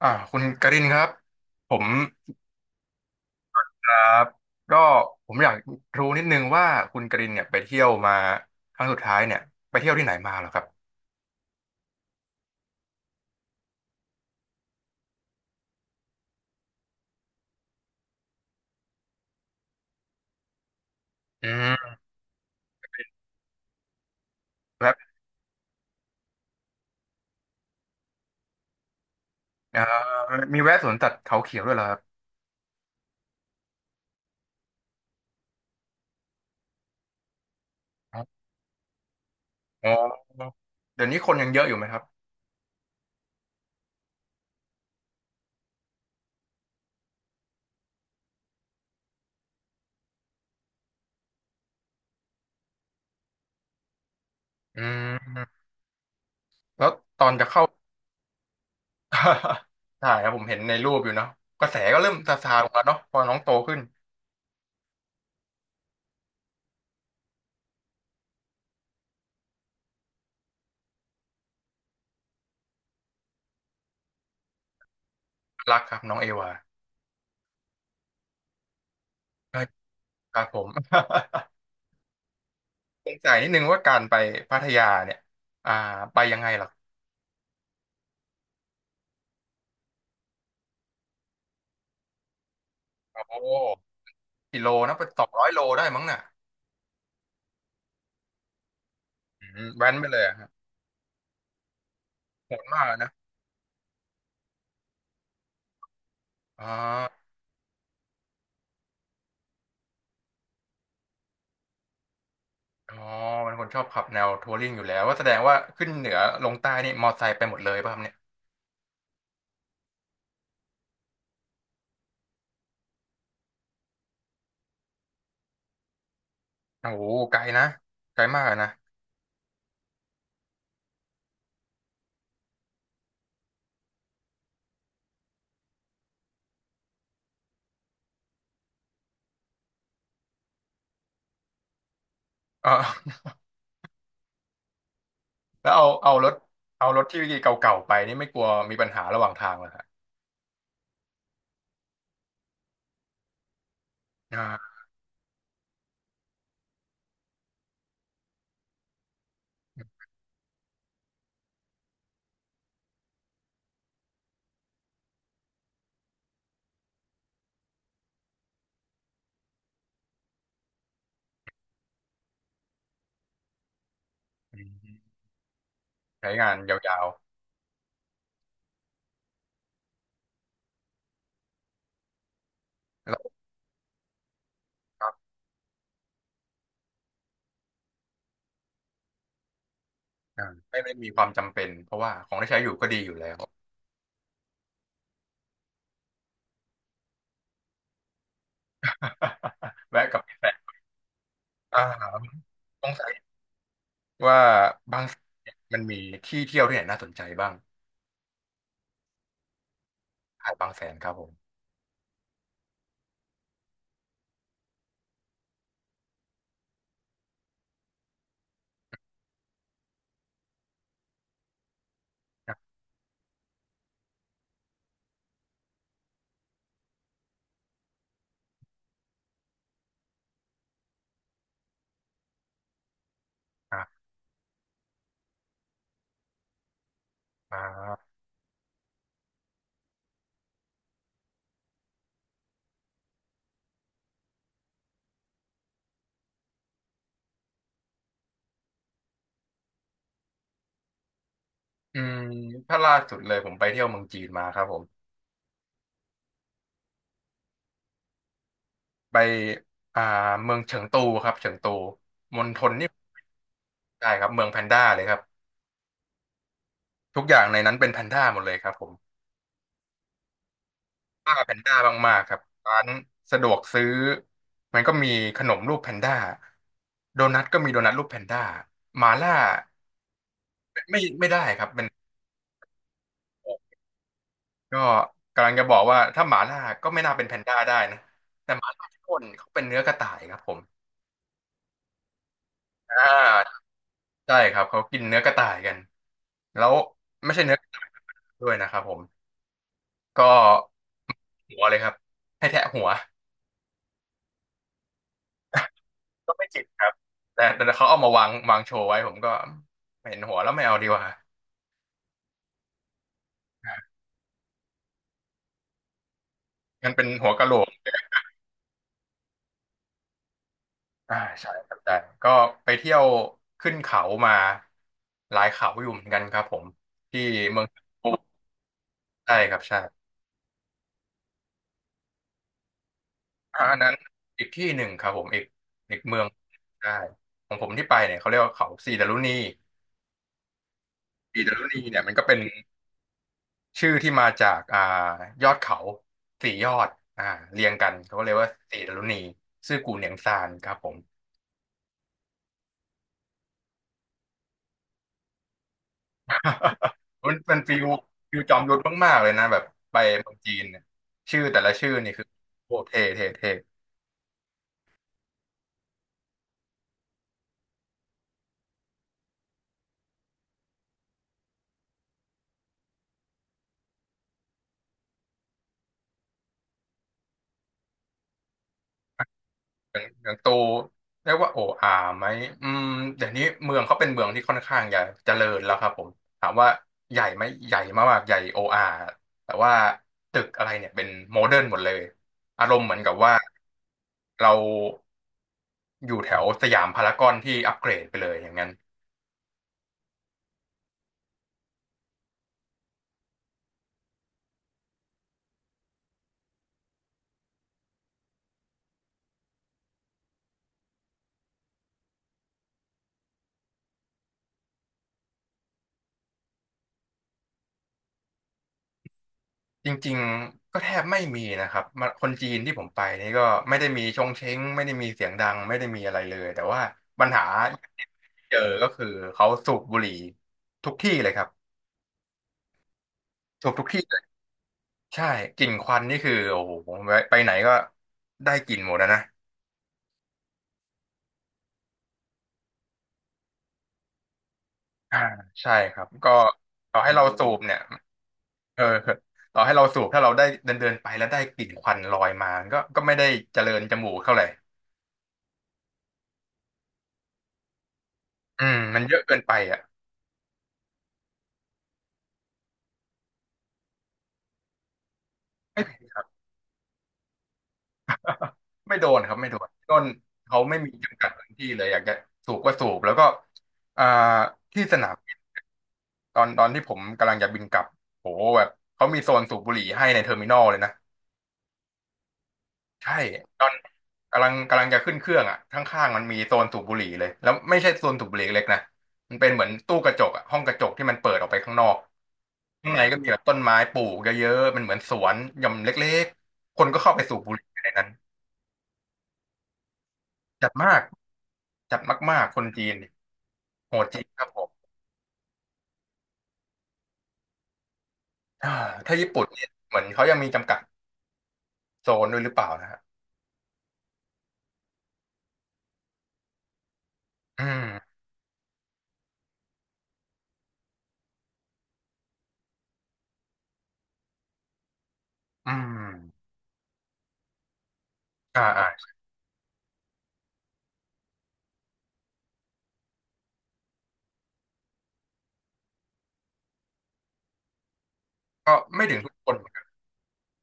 อ่าคุณการินครับผมครับก็ผมอยากรู้นิดนึงว่าคุณการินเนี่ยไปเที่ยวมาครั้งสุดท้ายเนี่ยไปเที่ยวที่ไหนมาเหรอครับอืมแวะอ่ามีแวะสวนสัตว์เขาเขียวด้วยเหรอครับอ๋อเดี๋ยวนี้คนยังเยอะอยู่ไหมครับอืมแล้วตอนจะเข้า ใช่ครับผมเห็นในรูปอยู่เนาะกระแสก็เริ่มซาซาลงแล้วเนาะพอน้องโตขึ้นรักครับน้องเอวาใช่ครับผม สงสัยนิดนึงว่าการไปพัทยาเนี่ยอ่าไปยังไงล่ะ โอ้โหกิโลนะเป็น200 โลได้มั้งน่ะอืมแว้นไปเลยอะฮะโหดมากอะนะอ๋ออ๋อเป็นคนชอบขับแนวทัวริงอยู่แล้วว่าแสดงว่าขึ้นเหนือลงใต้นี่มอไซค์ไปหมดเลยป่ะครับเนี่ยโอ้โหไกลนะไกลมากอะนะเออ แล้วเอารถเอารถที่เก่าๆไปนี่ไม่กลัวมีปัญหาระหว่างทางเหรอฮะอ่าอืมใช้งานยาวๆแล้วครับอ่าไม่ได้มีความจำเป็นเพราะว่าของที่ใช้อยู่ก็ดีอยู่แล้ว แวะกลับไปแตะอ่าสงสัย ว่าบางแสนเนี่ยมันมีที่เที่ยวที่ไหนน่าสนใจบ้างหาดบางแสนครับผมอ่าอ่าอืมถ้าล่าสุดเลยผมไปเที่ยวเมืองจีนมาครับผมไปอ่าเมืองเฉิงตูครับเฉิงตูมณฑลนี่ใช่ครับเมืองแพนด้าเลยครับ ทุกอย่างในนั้นเป็นแพนด้าหมดเลยครับผมป้าแพนด้ามากๆครับร้านสะดวกซื้อมันก็มีขนมรูปแพนด้าโดนัทก็มีโดนัทรูปแพนด้าหมาล่าไม่ได้ครับเป็น ก็กำลังจะบอกว่าถ้าหมาล่าก็ไม่น่าเป็นแพนด้าได้นะแต่หมาล่าที่พ่นเขาเป็นเนื้อกระต่ายครับผมอ่าใช่ครับเขากินเนื้อกระต่ายกันแล้วไม่ใช่เนื้อกระต่ายด้วยนะครับผมก็หัวเลยครับให้แทะหัวก็ไม่จิบครับแต่เขาเอามาวางโชว์ไว้ผมก็เห็นหัวแล้วไม่เอาดีกว่ามันเป็นหัวกะโหลกใช่ครับแต่ก็ไปเที่ยวขึ้นเขามาหลายเขาอยู่เหมือนกันครับผมที่เมืองใช่ครับใช่ อ่าอันนั้นอีกที่หนึ่งครับผมอีกอีกเมืองใช่ของผมที่ไปเนี่ยเขาเรียกว่าเขาสีดารุณีสีดารุณีเนี่ยมันก็เป็นชื่อที่มาจากยอดเขา4 ยอดอ่าเรียงกันเขาก็เรียกว่าสีดารุณีซื่อกูเหนียงซานครับผม มันเป็นฟิวฟิวจอมยุทธมากๆเลยนะแบบไปเมืองจีนเนี่ยชื่อแต่ละชื่อนี่คือโคตรเท่เท่เท่ อย่างอย่างโตเรียกว่าโออาไหมอืมเดี๋ยวนี้เมืองเขาเป็นเมืองที่ค่อนข้างใหญ่เจริญแล้วครับผมถามว่าใหญ่ไหมใหญ่มากๆใหญ่โออาแต่ว่าตึกอะไรเนี่ยเป็นโมเดิร์นหมดเลยอารมณ์เหมือนกับว่าเราอยู่แถวสยามพารากอนที่อัปเกรดไปเลยอย่างนั้นจริงๆก็แทบไม่มีนะครับมาคนจีนที่ผมไปนี่ก็ไม่ได้มีชงเช้งไม่ได้มีเสียงดังไม่ได้มีอะไรเลยแต่ว่าปัญหาเจอก็คือเขาสูบบุหรี่ทุกที่เลยครับ จบทุกที่เลยใช่กลิ่นควันนี่คือโอ้โหไปไหนก็ได้กลิ่นหมดนะนะอ่าใช่ครับก็ต่อให้เราสูบเนี่ยเออต่อให้เราสูบถ้าเราได้เดินเดินไปแล้วได้กลิ่นควันลอยมาก็ก็ไม่ได้เจริญจมูกเท่าไหร่อืมมันเยอะเกินไปอ่ะไม่ผิดครับไม่โดนครับไม่โดนต้นเขาไม่มีจำกัดพื้นที่เลยอยากจะสูบก็สูบแล้วก็อ่าที่สนามบินตอนที่ผมกำลังจะบินกลับโหแบบเขามีโซนสูบบุหรี่ให้ในเทอร์มินอลเลยนะ ใช่ตอนกำลังจะขึ้นเครื่องอ่ะข้างๆมันมีโซนสูบบุหรี่เลยแล้วไม่ใช่โซนสูบบุหรี่เล็กนะมันเป็นเหมือนตู้กระจกอ่ะห้องกระจกที่มันเปิดออกไปข้างนอกข้างในก็มีแบบต้นไม้ปลูกเยอะๆมันเหมือนสวนหย่อมเล็กๆคนก็เข้าไปสูบบุหรี่ในนั้นจัดมากจัดมากๆคนจีนโหดจริงครับผมอ่าถ้าญี่ปุ่นเนี่ยเหมือนเขายังมีจำกัดโซนด้วยหรือเปล่านะฮะอืมอืมอ่าอ่าก็ไม่ถึงทุกคน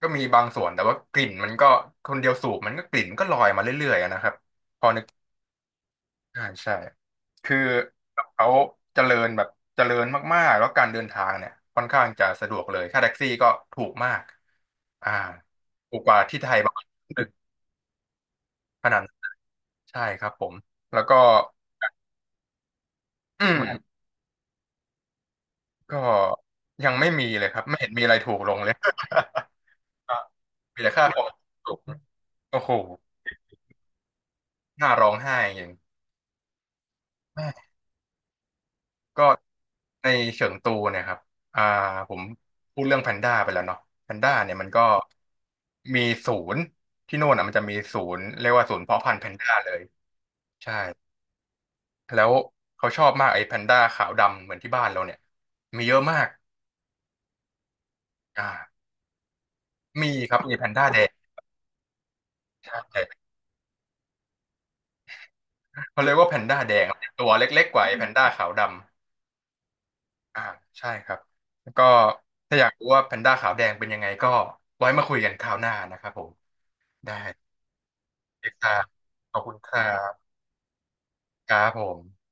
ก็มีบางส่วนแต่ว่ากลิ่นมันก็คนเดียวสูบมันก็กลิ่นก็ลอยมาเรื่อยๆอะนะครับใช่ใช่คือเขาเจริญแบบเจริญมากๆแล้วการเดินทางเนี่ยค่อนข้างจะสะดวกเลยค่าแท็กซี่ก็ถูกมากอ่าถูกกว่าที่ไทยประมาณหนึ่งขนาดนั้นใช่ครับผมแล้วก็อืมก็ยังไม่มีเลยครับไม่เห็นมีอะไรถูกลงเลย มีแต่ค่าของถูกโอ้โหน่าร้องไห้จริง ก็ในเฉิงตูเนี่ยครับอ่าผมพูดเรื่องแพนด้าไปแล้วเนาะแพนด้าเนี่ยมันก็มีศูนย์ที่โน่นอ่ะมันจะมีศูนย์เรียกว่าศูนย์เพาะพันธุ์แพนด้าเลยใช่แล้วเขาชอบมากไอ้แพนด้าขาวดำเหมือนที่บ้านเราเนี่ยมีเยอะมากอ่ามีครับมีแพนด้าแดงใช่เขาเรียกว่าแพนด้าแดงตัวเล็กๆกว่าไอ้แพนด้าขาวดำอ่าใช่ครับแล้วก็ถ้าอยากรู้ว่าแพนด้าขาวแดงเป็นยังไงก็ไว้มาคุยกันคราวหน้านะครับผมได้ เอกซ์ครับขอบคุณครับครับผม